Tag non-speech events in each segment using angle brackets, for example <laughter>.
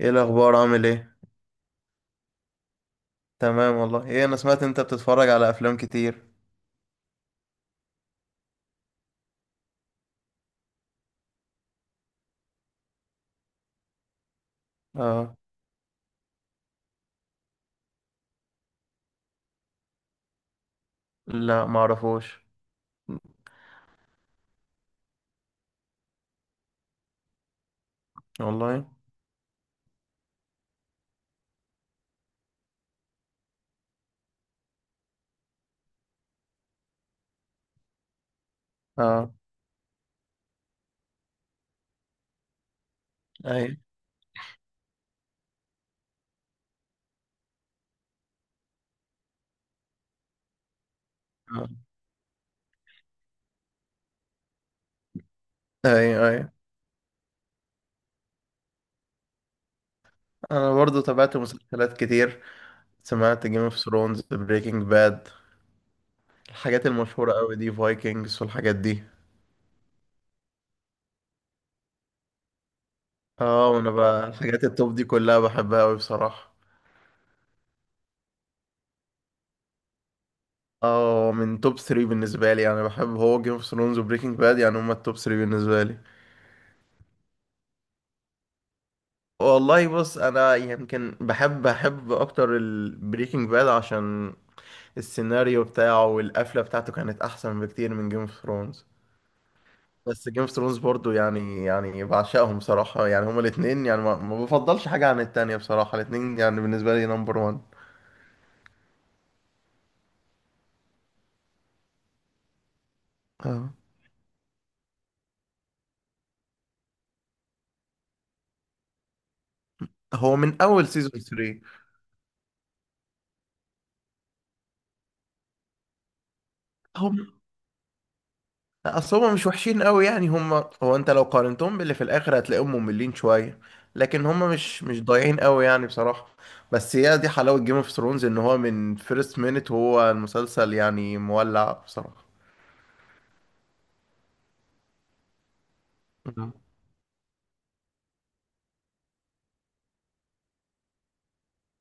ايه الاخبار؟ عامل ايه؟ تمام والله. ايه، انا سمعت انت بتتفرج على افلام كتير. اه. لا ما اعرفوش. والله. اه. اي. آه. اي اي. انا برضو تابعت مسلسلات كتير، سمعت جيم اوف ثرونز، بريكنج باد، الحاجات المشهورة قوي دي، فايكنجز والحاجات دي. اه، وانا بقى الحاجات التوب دي كلها بحبها قوي بصراحة. اه، من توب 3 بالنسبة لي يعني، بحب هو جيم اوف ثرونز وبريكنج باد، يعني هما التوب 3 بالنسبة لي. والله بص، انا يمكن بحب اكتر البريكنج باد، عشان السيناريو بتاعه والقفله بتاعته كانت احسن بكتير من جيم اوف ثرونز. بس جيم اوف ثرونز برضو يعني بعشقهم بصراحه، يعني هما الاثنين، يعني ما بفضلش حاجه عن التانية بصراحه، الاثنين يعني بالنسبه لي نمبر 1. هو من اول سيزون 3. اصل هما مش وحشين قوي يعني، هما هو انت لو قارنتهم باللي في الاخر هتلاقيهم مملين شويه، لكن هما مش ضايعين قوي يعني بصراحه. بس هي دي حلاوه جيم اوف ثرونز، ان هو من فيرست مينت هو المسلسل يعني مولع بصراحه. نعم.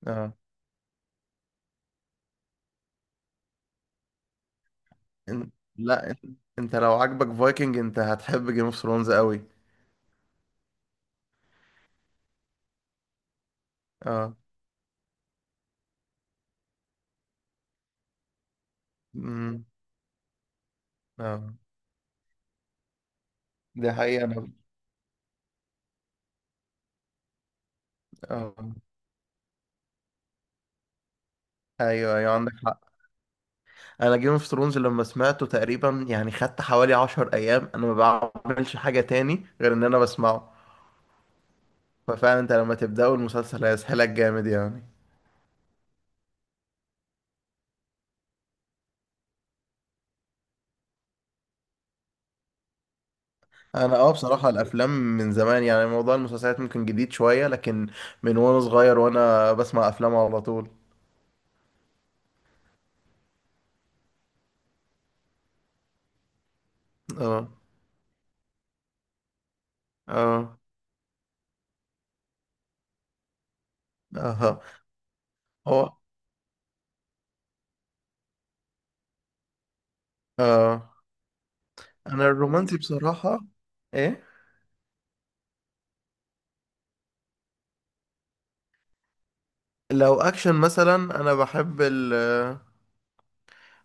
اه. إن- لا إن- انت لو عاجبك فايكنج انت هتحب جيم اوف ثرونز قوي. اه. امم اه. دي حقيقه. انا اه، ايوه ايوه عندك حق. انا جيم اوف ثرونز لما سمعته تقريبا يعني خدت حوالي عشر ايام انا ما بعملش حاجة تاني غير ان انا بسمعه. ففعلا انت لما تبدأه المسلسل هيسحلك جامد يعني. انا اه بصراحة الافلام من زمان، يعني موضوع المسلسلات ممكن جديد شوية، لكن من وانا صغير وانا بسمع افلام على طول. اه. اه. اه. هو اه، انا الرومانسي بصراحة. ايه. لو اكشن مثلا، انا بحب ال،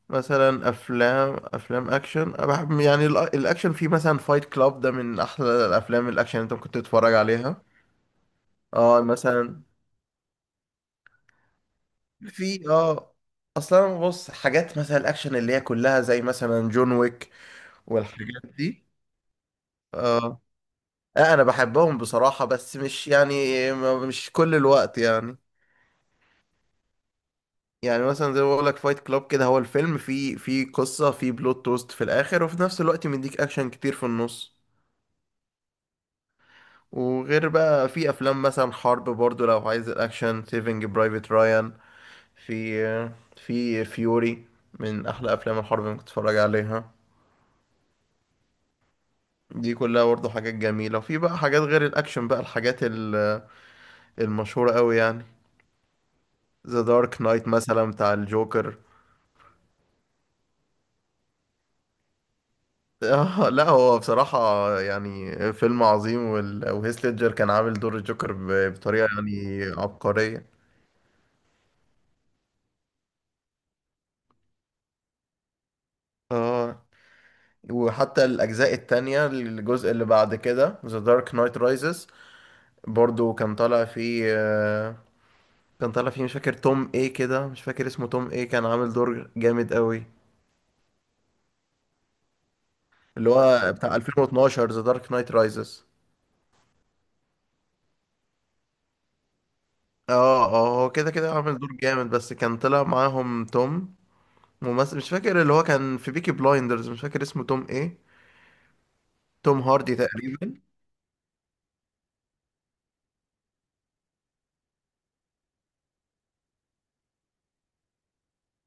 مثلا افلام اكشن. أنا بحب يعني الاكشن في، مثلا فايت كلاب ده من احلى الافلام الاكشن اللي انت ممكن تتفرج عليها. اه. مثلا في اه، اصلا بص حاجات مثلا الاكشن اللي هي كلها زي مثلا جون ويك والحاجات دي. اه. آه، انا بحبهم بصراحة، بس مش يعني مش كل الوقت يعني. يعني مثلا زي ما بقول لك فايت كلاب كده، هو الفيلم فيه قصة، فيه بلوت توست في الاخر، وفي نفس الوقت مديك اكشن كتير في النص. وغير بقى في افلام مثلا حرب، برضو لو عايز الاكشن، سيفنج برايفت رايان، في في فيوري، من احلى افلام الحرب اللي ممكن تتفرج عليها. دي كلها برضو حاجات جميلة. وفي بقى حاجات غير الاكشن بقى، المشهورة قوي يعني، ذا دارك نايت مثلا بتاع الجوكر. <laughs> آه لا، هو بصراحة يعني فيلم عظيم. وهيث ليدجر كان عامل دور الجوكر ب، بطريقة يعني عبقرية. اه. وحتى الأجزاء التانية، الجزء اللي بعد كده The Dark Knight Rises، برضو كان طالع فيه كان طالع فيه مش فاكر توم ايه كده، مش فاكر اسمه توم ايه، كان عامل دور جامد قوي. اللي هو بتاع 2012، The Dark Knight Rises. اه اه، هو كده كده عامل دور جامد، بس كان طلع معاهم توم، ممثل مش فاكر، اللي هو كان في بيكي بلايندرز، مش فاكر اسمه توم ايه. توم هاردي تقريبا.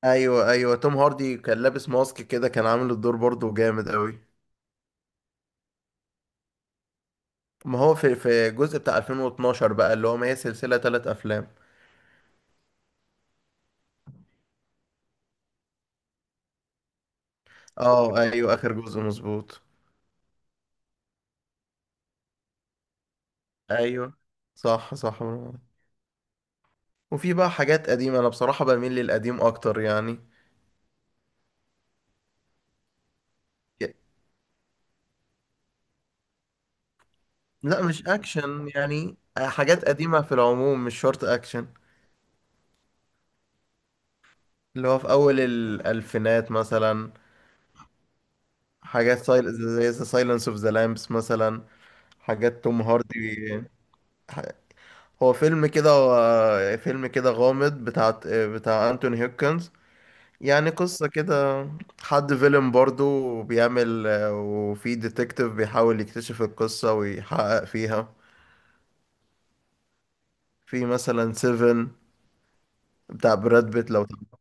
ايوه ايوه، توم هاردي كان لابس ماسك كده، كان عامل الدور برضو جامد قوي. ما هو في الجزء بتاع 2012 بقى اللي هو، ما هي سلسلة ثلاث افلام. اه ايوه، اخر جزء مظبوط. ايوه صح صح، برافو عليك. وفي بقى حاجات قديمة، انا بصراحة بميل للقديم اكتر يعني. لا مش اكشن يعني، حاجات قديمة في العموم مش شرط اكشن. اللي هو في اول الالفينات مثلا، زي ذا سايلنس اوف ذا لامبس مثلا، حاجات توم هاردي. ح- هو فيلم كده، هو فيلم كده غامض، بتاع بتاع انتوني هيوكنز. يعني قصة كده حد فيلم برضو بيعمل وفي ديتكتيف بيحاول يكتشف القصة ويحقق فيها. في مثلا سيفن بتاع براد بيت لو تعرف.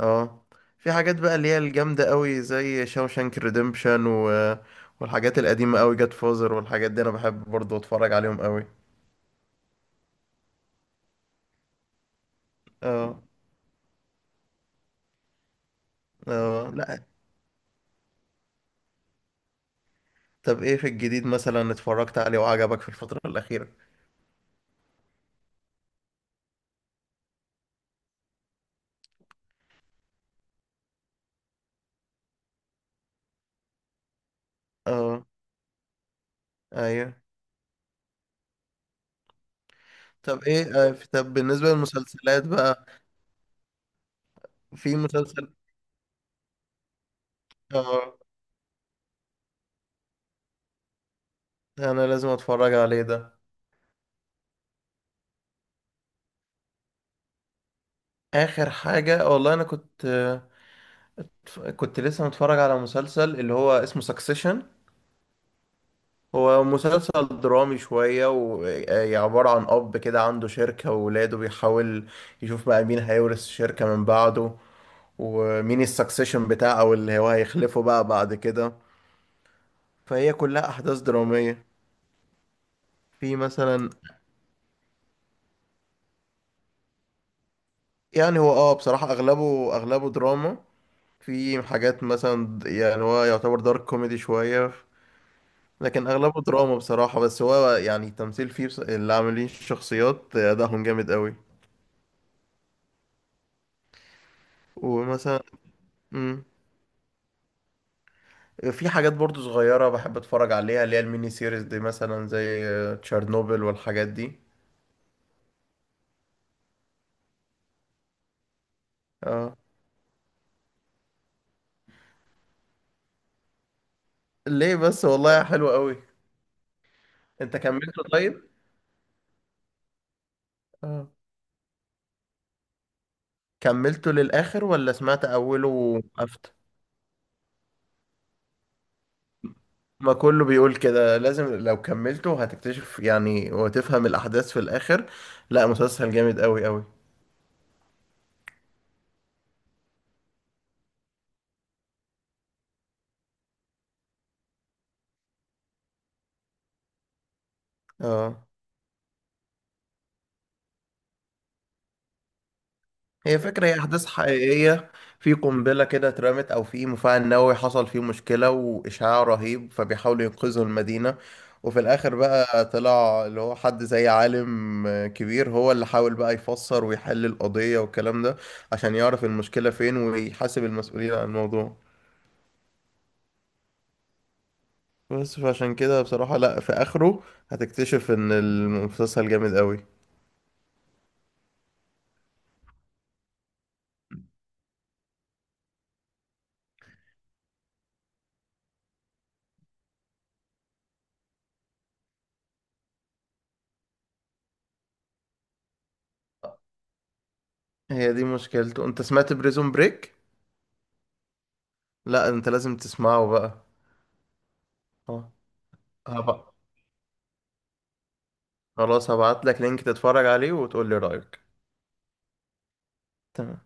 اه. في حاجات بقى اللي هي الجامدة قوي زي شاوشانك ريديمشن والحاجات القديمة قوي، جاد فوزر والحاجات دي، انا بحب برضو اتفرج عليهم قوي. اه. اه. لا طب ايه في الجديد مثلا اتفرجت عليه وعجبك في الفترة الأخيرة؟ اه ايوه، طب ايه طب بالنسبة للمسلسلات بقى، في مسلسل. اه، انا لازم اتفرج عليه ده. اخر حاجة والله انا كنت كنت لسه متفرج على مسلسل اللي هو اسمه سكسيشن. هو مسلسل درامي شوية، وعبارة عن اب كده عنده شركة وولاده، بيحاول يشوف بقى مين هيورث الشركة من بعده، ومين السكسيشن بتاعه او اللي هو هيخلفه بقى بعد كده. فهي كلها احداث درامية. في مثلا، يعني هو اه بصراحة اغلبه دراما. في حاجات مثلا يعني هو يعتبر دارك كوميدي شوية، لكن أغلبه دراما بصراحة. بس هو يعني التمثيل فيه اللي عاملين الشخصيات أدائهم جامد قوي. ومثلا مم، في حاجات برضو صغيرة بحب أتفرج عليها، اللي هي الميني سيريز دي، مثلا زي تشيرنوبل والحاجات دي. اه. ليه بس، والله حلو قوي. أنت كملته طيب؟ اه، كملته للآخر ولا سمعت أوله وقفت؟ ما كله بيقول كده، لازم لو كملته هتكتشف يعني وتفهم الأحداث في الآخر. لا مسلسل جامد أوي أوي. اه. هي فكرة، هي أحداث حقيقية. في قنبلة كده اترمت، أو في مفاعل نووي حصل فيه مشكلة وإشعاع رهيب، فبيحاولوا ينقذوا المدينة. وفي الآخر بقى طلع اللي هو حد زي عالم كبير، هو اللي حاول بقى يفسر ويحل القضية والكلام ده، عشان يعرف المشكلة فين ويحاسب المسؤولين عن الموضوع. بس فعشان كده بصراحة، لا في آخره هتكتشف إن المسلسل جامد قوي. هي دي مشكلته. أنت سمعت بريزون بريك؟ لا أنت لازم تسمعه بقى. اه. هبقى، خلاص هبعت لك لينك تتفرج عليه وتقول لي رأيك. تمام.